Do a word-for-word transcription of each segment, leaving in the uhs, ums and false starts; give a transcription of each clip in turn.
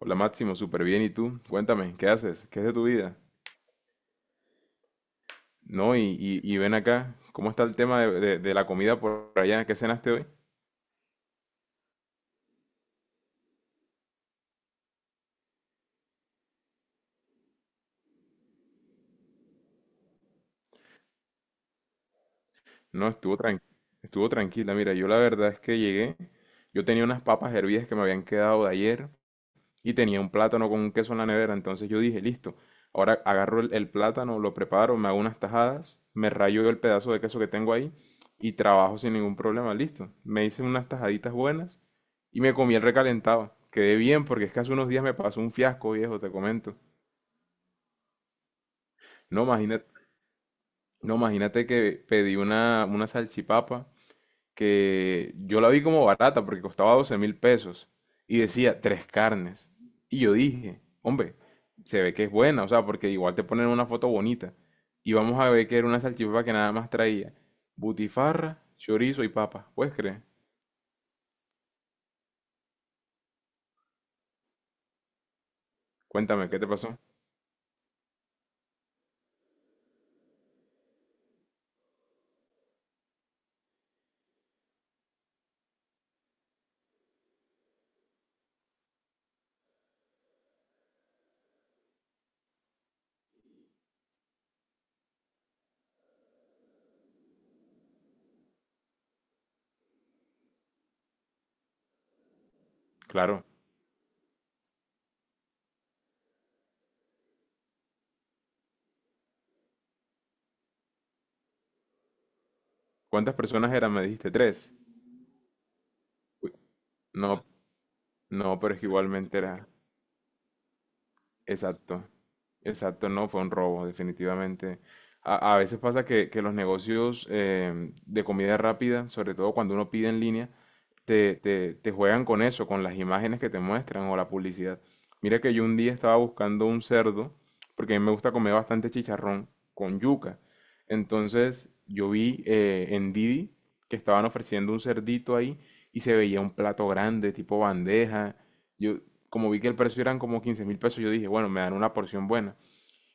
Hola Máximo, súper bien. ¿Y tú? Cuéntame, ¿qué haces? ¿Qué es de tu vida? No, y, y- y ven acá, ¿cómo está el tema de, de- de la comida por allá? ¿Qué cenaste hoy? No, estuvo tran- estuvo tranquila. Mira, yo la verdad es que llegué, yo tenía unas papas hervidas que me habían quedado de ayer, y tenía un plátano con un queso en la nevera. Entonces yo dije, listo, ahora agarro el, el plátano, lo preparo, me hago unas tajadas, me rayo el pedazo de queso que tengo ahí y trabajo sin ningún problema, listo. Me hice unas tajaditas buenas y me comí el recalentado. Quedé bien porque es que hace unos días me pasó un fiasco, viejo, te comento. No, imagínate, no, imagínate que pedí una, una salchipapa que yo la vi como barata porque costaba doce mil pesos y decía tres carnes. Y yo dije, hombre, se ve que es buena, o sea, porque igual te ponen una foto bonita. Y vamos a ver que era una salchipapa que nada más traía butifarra, chorizo y papa. ¿Puedes creer? Cuéntame, ¿qué te pasó? Claro. ¿Cuántas personas eran? Me dijiste tres. Uy, no, no, pero es que igualmente era. Exacto, exacto, no, fue un robo, definitivamente. A, a veces pasa que, que los negocios em, de comida rápida, sobre todo cuando uno pide en línea, te, te, te juegan con eso, con las imágenes que te muestran o la publicidad. Mira que yo un día estaba buscando un cerdo, porque a mí me gusta comer bastante chicharrón con yuca. Entonces yo vi eh, en Didi que estaban ofreciendo un cerdito ahí y se veía un plato grande, tipo bandeja yo, como vi que el precio eran como quince mil pesos, yo dije, bueno, me dan una porción buena.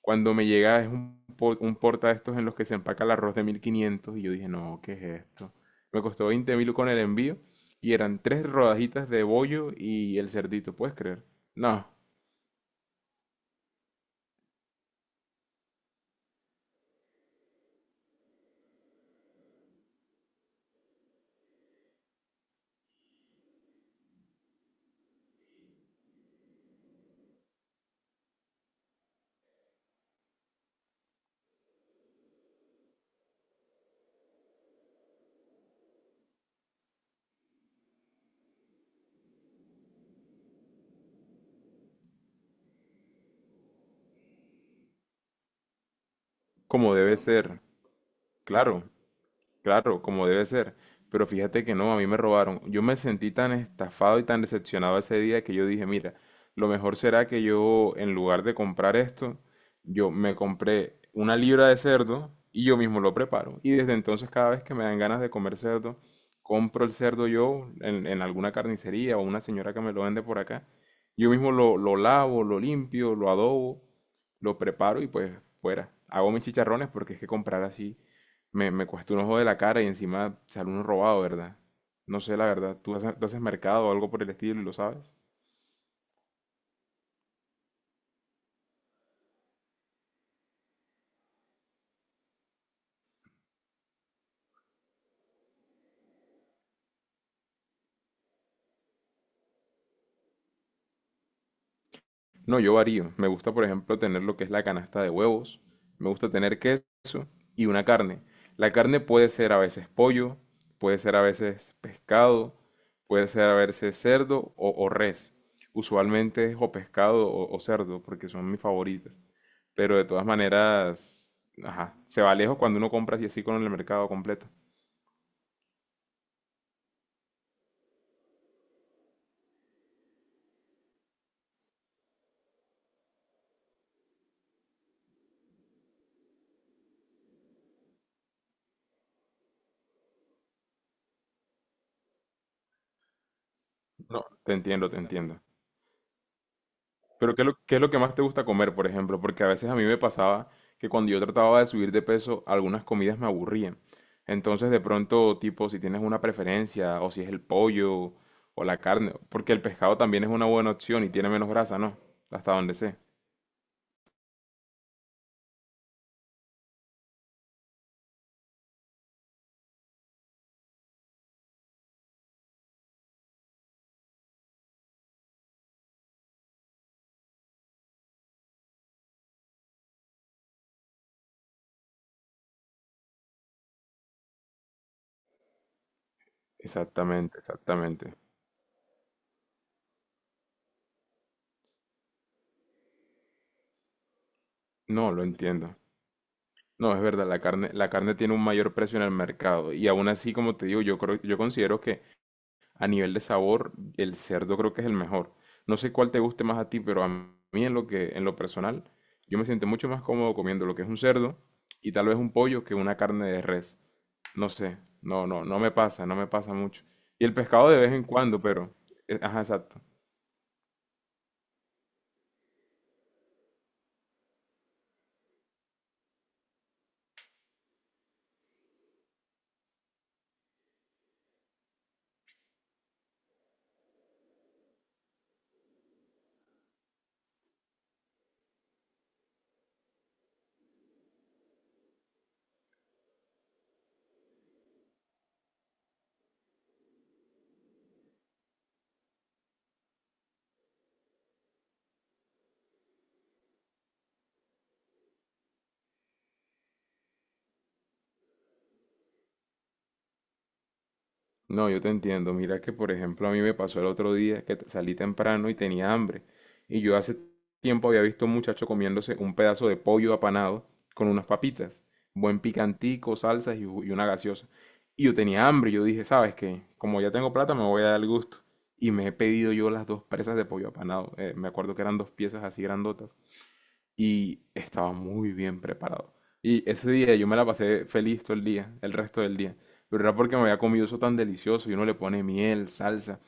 Cuando me llega es un, po- un porta de estos en los que se empaca el arroz de mil quinientos y yo dije, no, ¿qué es esto? Me costó veinte mil con el envío y eran tres rodajitas de bollo y el cerdito, ¿puedes creer? No, como debe ser, claro. Claro, como debe ser. Pero fíjate que no, a mí me robaron. Yo me sentí tan estafado y tan decepcionado ese día que yo dije, mira, lo mejor será que yo, en lugar de comprar esto, yo me compré una libra de cerdo y yo mismo lo preparo. Y desde entonces, cada vez que me dan ganas de comer cerdo, compro el cerdo yo en, en alguna carnicería o una señora que me lo vende por acá. Yo mismo lo, lo lavo, lo limpio, lo adobo, lo preparo y pues fuera. Hago mis chicharrones porque es que comprar así. Me, me cuesta un ojo de la cara y encima sale uno robado, ¿verdad? No sé, la verdad. ¿Tú haces, tú haces mercado o algo por el estilo y lo sabes? No, yo varío. Me gusta, por ejemplo, tener lo que es la canasta de huevos. Me gusta tener queso y una carne. La carne puede ser a veces pollo, puede ser a veces pescado, puede ser a veces cerdo o, o res. Usualmente es o pescado o, o cerdo porque son mis favoritas. Pero de todas maneras, ajá, se va lejos cuando uno compra así así con el mercado completo. No, te entiendo, te entiendo. Pero ¿qué es lo, qué es lo que más te gusta comer, por ejemplo? Porque a veces a mí me pasaba que cuando yo trataba de subir de peso, algunas comidas me aburrían. Entonces, de pronto, tipo, si tienes una preferencia, o si es el pollo, o la carne, porque el pescado también es una buena opción y tiene menos grasa, ¿no? Hasta donde sé. Exactamente, exactamente. No, lo entiendo. No, es verdad, la carne, la carne tiene un mayor precio en el mercado. Y aún así, como te digo, yo creo, yo considero que a nivel de sabor, el cerdo creo que es el mejor. No sé cuál te guste más a ti, pero a mí en lo que, en lo personal, yo me siento mucho más cómodo comiendo lo que es un cerdo y tal vez un pollo que una carne de res. No sé, no, no, no me pasa, no me pasa mucho. Y el pescado de vez en cuando, pero, eh, ajá, exacto. No, yo te entiendo. Mira que, por ejemplo, a mí me pasó el otro día que t- salí temprano y tenía hambre. Y yo hace tiempo había visto a un muchacho comiéndose un pedazo de pollo apanado con unas papitas, buen picantico, salsas y, u- y una gaseosa. Y yo tenía hambre. Yo dije, ¿sabes qué? Como ya tengo plata, me voy a dar el gusto. Y me he pedido yo las dos presas de pollo apanado. Eh, me acuerdo que eran dos piezas así grandotas y estaba muy bien preparado. Y ese día yo me la pasé feliz todo el día, el resto del día. Pero era porque me había comido eso tan delicioso y uno le pone miel, salsa.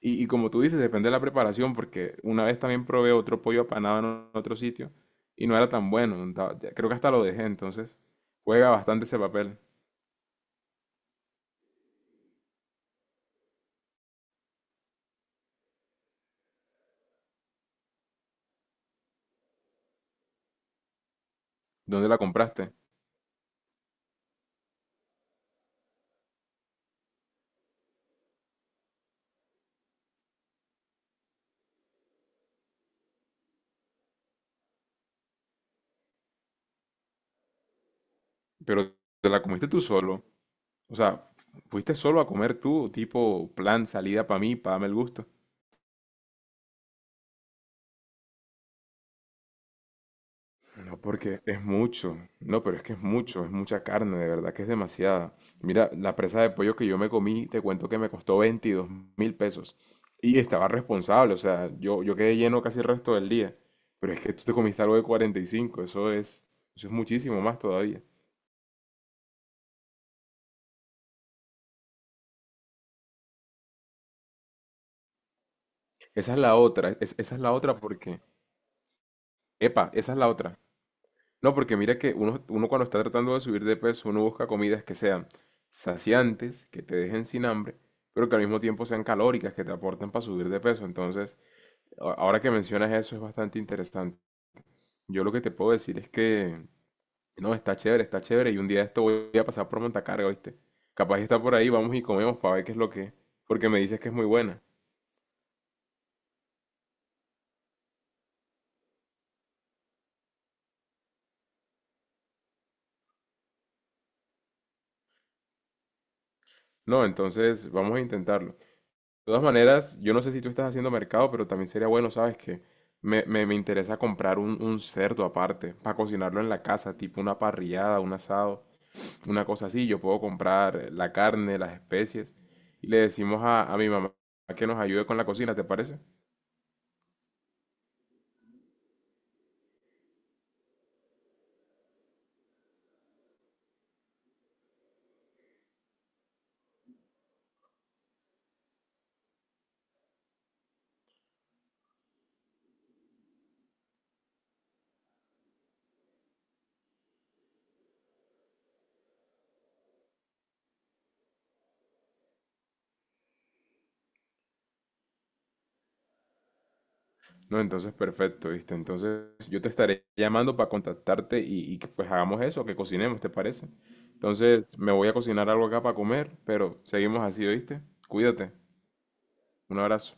Y, y como tú dices, depende de la preparación, porque una vez también probé otro pollo apanado en o- otro sitio y no era tan bueno. no ta- ya- Creo que hasta lo dejé, entonces juega bastante ese papel. ¿Dónde la compraste? Pero te la comiste tú solo. O sea, fuiste solo a comer tú, tipo plan salida para mí, para darme el gusto. No, porque es mucho. No, pero es que es mucho, es mucha carne, de verdad que es demasiada. Mira, la presa de pollo que yo me comí, te cuento que me costó veintidós mil pesos. Y estaba responsable, o sea, yo, yo quedé lleno casi el resto del día. Pero es que tú te comiste algo de cuarenta y cinco, eso es, eso es muchísimo más todavía. Esa es la otra, es- esa es la otra porque, epa, esa es la otra. No, porque mira que uno, uno cuando está tratando de subir de peso, uno busca comidas que sean saciantes, que te dejen sin hambre, pero que al mismo tiempo sean calóricas, que te aporten para subir de peso. Entonces, a- ahora que mencionas eso es bastante interesante. Yo lo que te puedo decir es que, no, está chévere, está chévere, y un día de esto voy a pasar por Montacarga, ¿viste? Capaz está por ahí, vamos y comemos para ver qué es lo que es, porque me dices que es muy buena. No, entonces vamos a intentarlo. De todas maneras, yo no sé si tú estás haciendo mercado, pero también sería bueno, ¿sabes qué? Me, me, me interesa comprar un, un cerdo aparte para cocinarlo en la casa, tipo una parrillada, un asado, una cosa así. Yo puedo comprar la carne, las especies y le decimos a, a mi mamá que nos ayude con la cocina, ¿te parece? No, entonces perfecto, ¿viste? Entonces yo te estaré llamando para contactarte y, y que pues hagamos eso, que cocinemos, ¿te parece? Entonces me voy a cocinar algo acá para comer, pero seguimos así, ¿oíste? Cuídate, un abrazo.